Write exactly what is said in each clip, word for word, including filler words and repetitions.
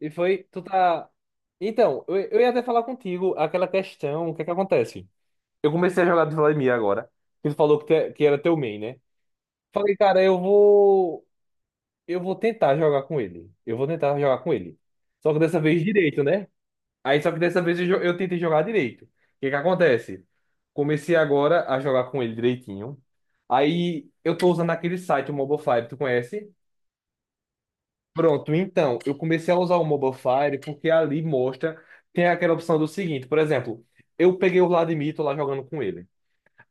E foi, tu tá. Então, eu, eu ia até falar contigo aquela questão. O que é que acontece? Eu comecei a jogar de Vladimir agora, que tu falou que, te- que era teu main, né? Falei, cara, eu vou. Eu vou tentar jogar com ele. Eu vou tentar jogar com ele. Só que dessa vez direito, né? Aí só que dessa vez eu, jo- eu tentei jogar direito. O que é que acontece? Comecei agora a jogar com ele direitinho. Aí eu tô usando aquele site, o Mobile Five, tu conhece? Pronto, então, eu comecei a usar o Mobile Fire porque ali mostra, tem aquela opção do seguinte. Por exemplo, eu peguei o Vladimir, tô lá jogando com ele.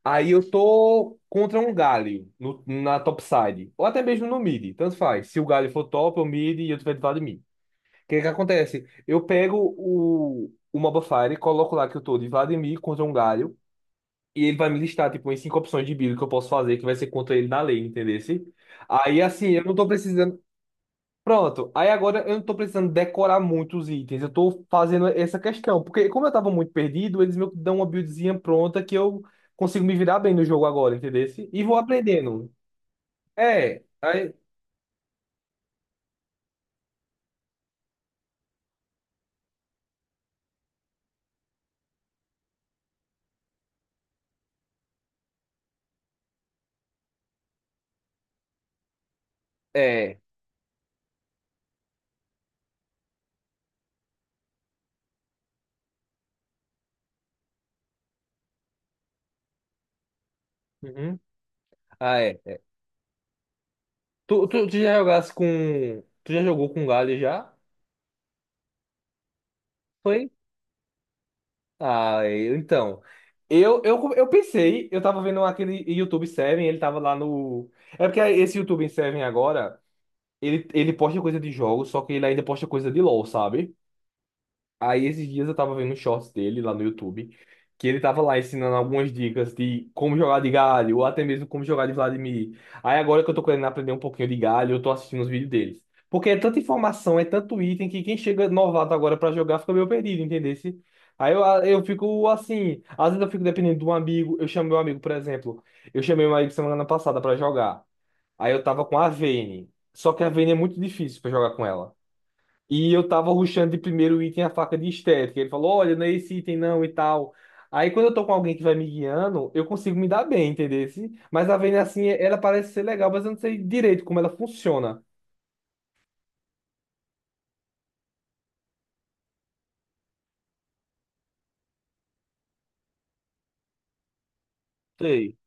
Aí eu tô contra um Galio no, na topside, ou até mesmo no mid, tanto faz. Se o Galio for top, eu mid e eu tiver de Vladimir. O que que acontece? Eu pego o, o Mobile Fire, coloco lá que eu tô de Vladimir contra um Galio, e ele vai me listar, tipo, em cinco opções de build que eu posso fazer, que vai ser contra ele na lei, entendeu? Aí, assim, eu não tô precisando. Pronto, aí agora eu não tô precisando decorar muitos itens, eu tô fazendo essa questão, porque como eu tava muito perdido, eles me dão uma buildzinha pronta que eu consigo me virar bem no jogo agora, entendeu? E vou aprendendo. É, aí, é. Uhum. Ah, é. Tu, tu, tu já jogasse com. Tu já jogou com galho já? Foi? Ah, é, então. Eu, eu, eu pensei, eu tava vendo aquele YouTube sete, ele tava lá no. É porque esse YouTube sete agora. Ele, ele posta coisa de jogo, só que ele ainda posta coisa de LoL, sabe? Aí esses dias eu tava vendo um shorts dele lá no YouTube, que ele tava lá ensinando algumas dicas de como jogar de galho, ou até mesmo como jogar de Vladimir. Aí agora que eu tô querendo aprender um pouquinho de galho, eu tô assistindo os vídeos deles. Porque é tanta informação, é tanto item, que quem chega novato agora pra jogar fica meio perdido, entendeu? Aí eu, eu fico assim, às vezes eu fico dependendo de um amigo, eu chamo meu amigo. Por exemplo, eu chamei meu amigo semana passada pra jogar. Aí eu tava com a Vayne, só que a Vayne é muito difícil pra jogar com ela. E eu tava rushando de primeiro item a faca de estética. Ele falou, olha, não é esse item não e tal. Aí quando eu tô com alguém que vai me guiando, eu consigo me dar bem, entendeu? Mas a Vayne, assim, ela parece ser legal, mas eu não sei direito como ela funciona. Sei.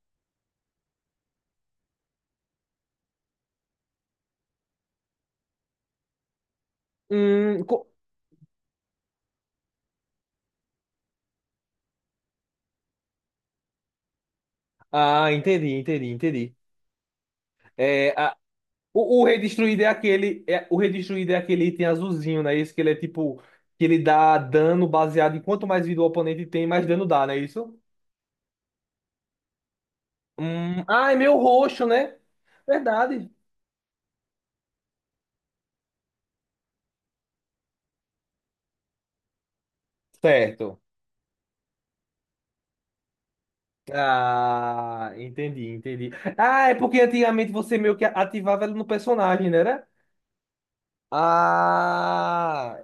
Hum, co- Ah, entendi, entendi, entendi. É, a... o, o Redestruído é aquele. É... O Redestruído é aquele item azulzinho, né? Isso que ele é tipo. Que ele dá dano baseado em quanto mais vida o oponente tem, mais dano dá, não é isso? Hum... Ah, é meio roxo, né? Verdade. Certo. Ah, entendi, entendi. Ah, é porque antigamente você meio que ativava ela no personagem, né? Era? Ah,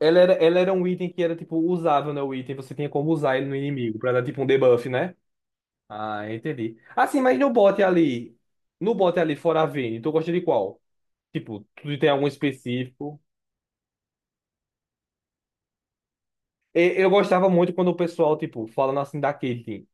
ela era, ela era um item que era tipo usável, né? O item você tinha como usar ele no inimigo pra dar tipo um debuff, né? Ah, entendi. Assim, mas no bot ali, no bot ali fora a Vayne, tu gosta de qual? Tipo, tu tem algum específico? E- Eu gostava muito quando o pessoal, tipo, falando assim da Caitlyn.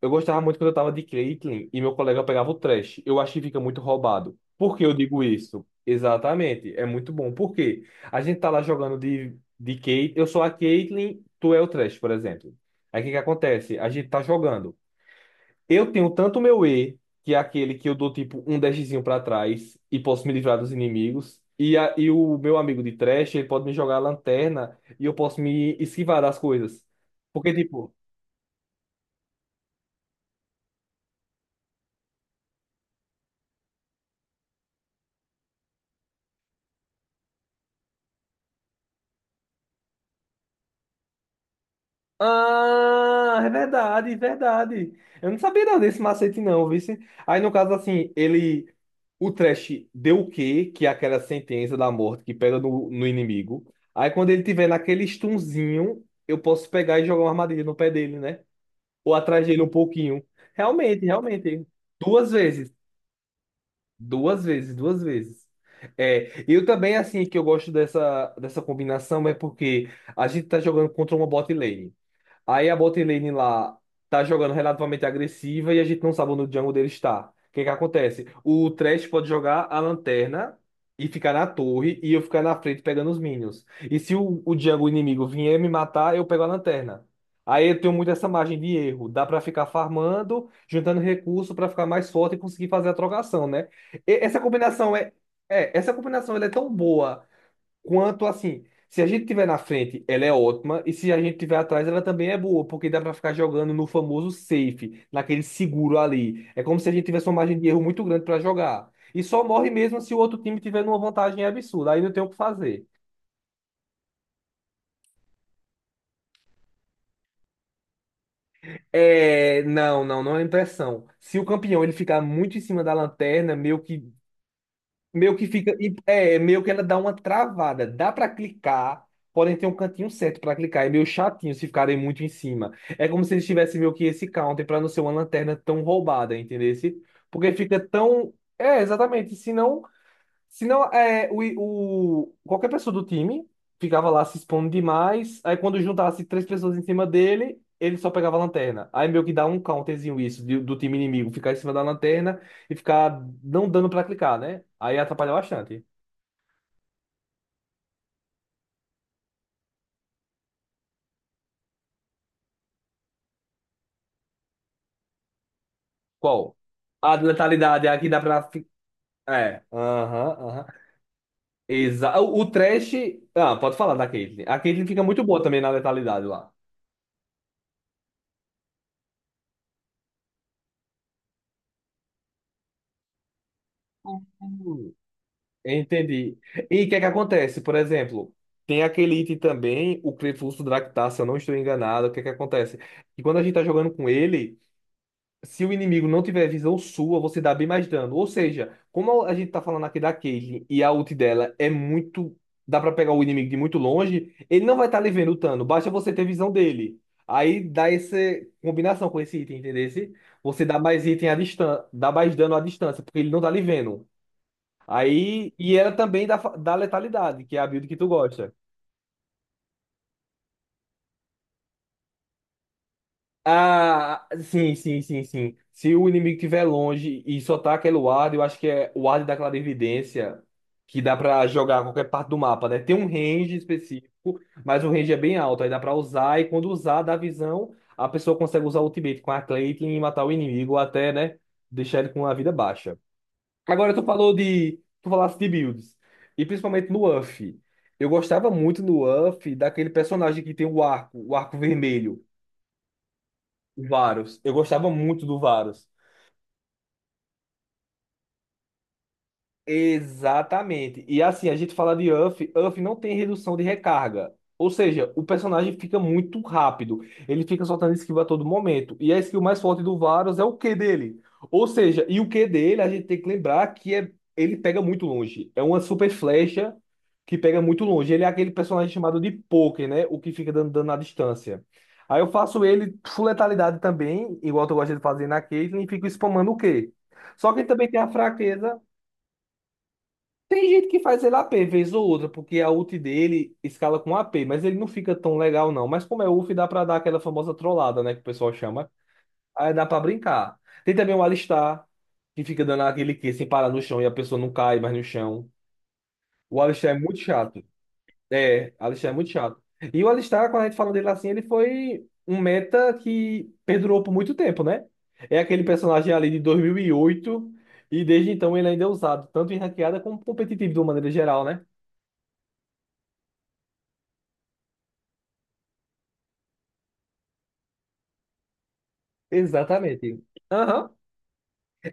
Eu gostava muito quando eu tava de Caitlyn e meu colega pegava o trash. Eu acho que fica muito roubado. Por que eu digo isso? Exatamente, é muito bom. Por quê? A gente tá lá jogando de, de Caitlyn, eu sou a Caitlyn, tu é o trash, por exemplo. Aí o que que acontece? A gente tá jogando. Eu tenho tanto meu E, que é aquele que eu dou tipo um dashzinho pra trás e posso me livrar dos inimigos. E, a, e o meu amigo de trash, ele pode me jogar a lanterna e eu posso me esquivar das coisas. Porque, tipo, ah, é verdade, é verdade. Eu não sabia não desse macete não, vice. Aí no caso assim, ele, o Trash deu o quê? Que é aquela sentença da morte que pega no, no inimigo. Aí quando ele tiver naquele stunzinho, eu posso pegar e jogar uma armadilha no pé dele, né? Ou atrás dele um pouquinho. Realmente, realmente. Duas vezes, duas vezes, duas vezes. É, eu também assim que eu gosto dessa dessa combinação é porque a gente tá jogando contra uma bot lane. Aí a bot lane lá tá jogando relativamente agressiva e a gente não sabe onde o jungle dele está. O que é que acontece? O Thresh pode jogar a lanterna e ficar na torre e eu ficar na frente pegando os minions. E se o, o jungle inimigo vier me matar, eu pego a lanterna. Aí eu tenho muito essa margem de erro. Dá pra ficar farmando, juntando recurso pra ficar mais forte e conseguir fazer a trocação, né? E- essa combinação é, é, essa combinação ela é tão boa quanto assim. Se a gente tiver na frente, ela é ótima, e se a gente tiver atrás, ela também é boa, porque dá para ficar jogando no famoso safe, naquele seguro ali. É como se a gente tivesse uma margem de erro muito grande para jogar. E só morre mesmo se o outro time tiver numa vantagem absurda, aí não tem o que fazer. É, não, não, não é impressão. Se o campeão ele ficar muito em cima da lanterna, meio que meio que fica. e- É, meio que ela dá uma travada. Dá pra clicar, porém tem um cantinho certo pra clicar. É meio chatinho se ficarem muito em cima. É como se eles tivessem meio que esse counter pra não ser uma lanterna tão roubada, entendesse? Porque fica tão. É, exatamente. senão Senão, é, o, o, qualquer pessoa do time ficava lá se expondo demais. Aí, quando juntasse três pessoas em cima dele, ele só pegava a lanterna. Aí, meio que dá um counterzinho isso de- do time inimigo, ficar em cima da lanterna e ficar não dando pra clicar, né? Aí atrapalha bastante. Qual? A de letalidade, é a que dá pra. fi- É, aham, aham. Exa... O, o trash. Ah, pode falar da Caitlyn. A Caitlyn fica muito boa também na letalidade lá. Entendi. E o que é que acontece? Por exemplo, tem aquele item também, o Clefus Draktar, se eu não estou enganado. O que é que acontece? E quando a gente tá jogando com ele, se o inimigo não tiver visão sua, você dá bem mais dano. Ou seja, como a gente tá falando aqui da Caitlyn e a ult dela é muito. Dá pra pegar o inimigo de muito longe, ele não vai estar tá lhe vendo o dano, basta você ter visão dele. Aí dá essa combinação com esse item, entendeu? Você dá mais item à distância, dá mais dano à distância, porque ele não tá lhe vendo. Aí, e era também da, fa- da letalidade, que é a build que tu gosta. Ah, sim, sim, sim, sim. Se o inimigo estiver longe e só tá aquele ward, eu acho que é o ward da clarividência, que dá pra jogar a qualquer parte do mapa, né? Tem um range específico, mas o range é bem alto, aí dá pra usar, e quando usar, dá visão, a pessoa consegue usar o ultimate com a Caitlyn e matar o inimigo, ou até, né, deixar ele com a vida baixa. Agora tu falou de. Tu falaste de builds. E principalmente no U F. Eu gostava muito no U F daquele personagem que tem o arco, o arco vermelho, o Varus. Eu gostava muito do Varus. Exatamente. E assim, a gente fala de Uff Uff não tem redução de recarga. Ou seja, o personagem fica muito rápido. Ele fica soltando esquiva a todo momento. E a skill mais forte do Varus é o Q dele. Ou seja, e o Q dele, a gente tem que lembrar que é, ele pega muito longe. É uma super flecha que pega muito longe. Ele é aquele personagem chamado de poker, né? O que fica dando dano à distância. Aí eu faço ele full letalidade também, igual eu gosto de fazer na Caitlyn, e fico spamando o Q. Só que ele também tem a fraqueza. Tem gente que faz ele a p vez ou outra, porque a ult dele escala com a p, mas ele não fica tão legal não. Mas como é U F, dá pra dar aquela famosa trollada, né, que o pessoal chama. Aí dá pra brincar. Tem também o Alistar, que fica dando aquele que sem parar no chão e a pessoa não cai mais no chão. O Alistar é muito chato. É, Alistar é muito chato. E o Alistar, quando a gente fala dele assim, ele foi um meta que perdurou por muito tempo, né? É aquele personagem ali de dois mil e oito e oito e desde então ele ainda é usado, tanto em ranqueada como competitivo de uma maneira geral, né? Exatamente. Aham.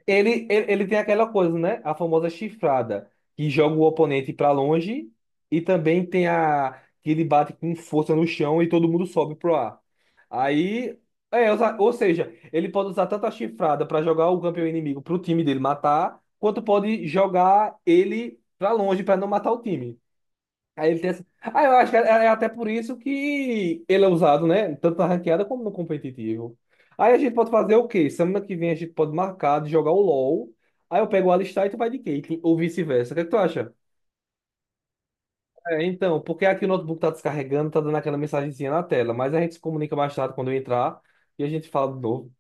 Ele, ele, ele tem aquela coisa, né? A famosa chifrada, que joga o oponente pra longe, e também tem a que ele bate com força no chão e todo mundo sobe pro ar. Aí, é, usa- ou seja, ele pode usar tanto a chifrada pra jogar o campeão inimigo pro time dele matar, quanto pode jogar ele pra longe pra não matar o time. Aí ele tem essa... Ah, eu acho que é é é até por isso que ele é usado, né? Tanto na ranqueada como no competitivo. Aí a gente pode fazer o quê? Semana que vem a gente pode marcar de jogar o LoL. Aí eu pego o Alistar e tu vai de Caitlyn, ou vice-versa. O que é que tu acha? É, então, porque aqui o notebook tá descarregando, tá dando aquela mensagenzinha na tela, mas a gente se comunica mais tarde quando eu entrar e a gente fala de novo.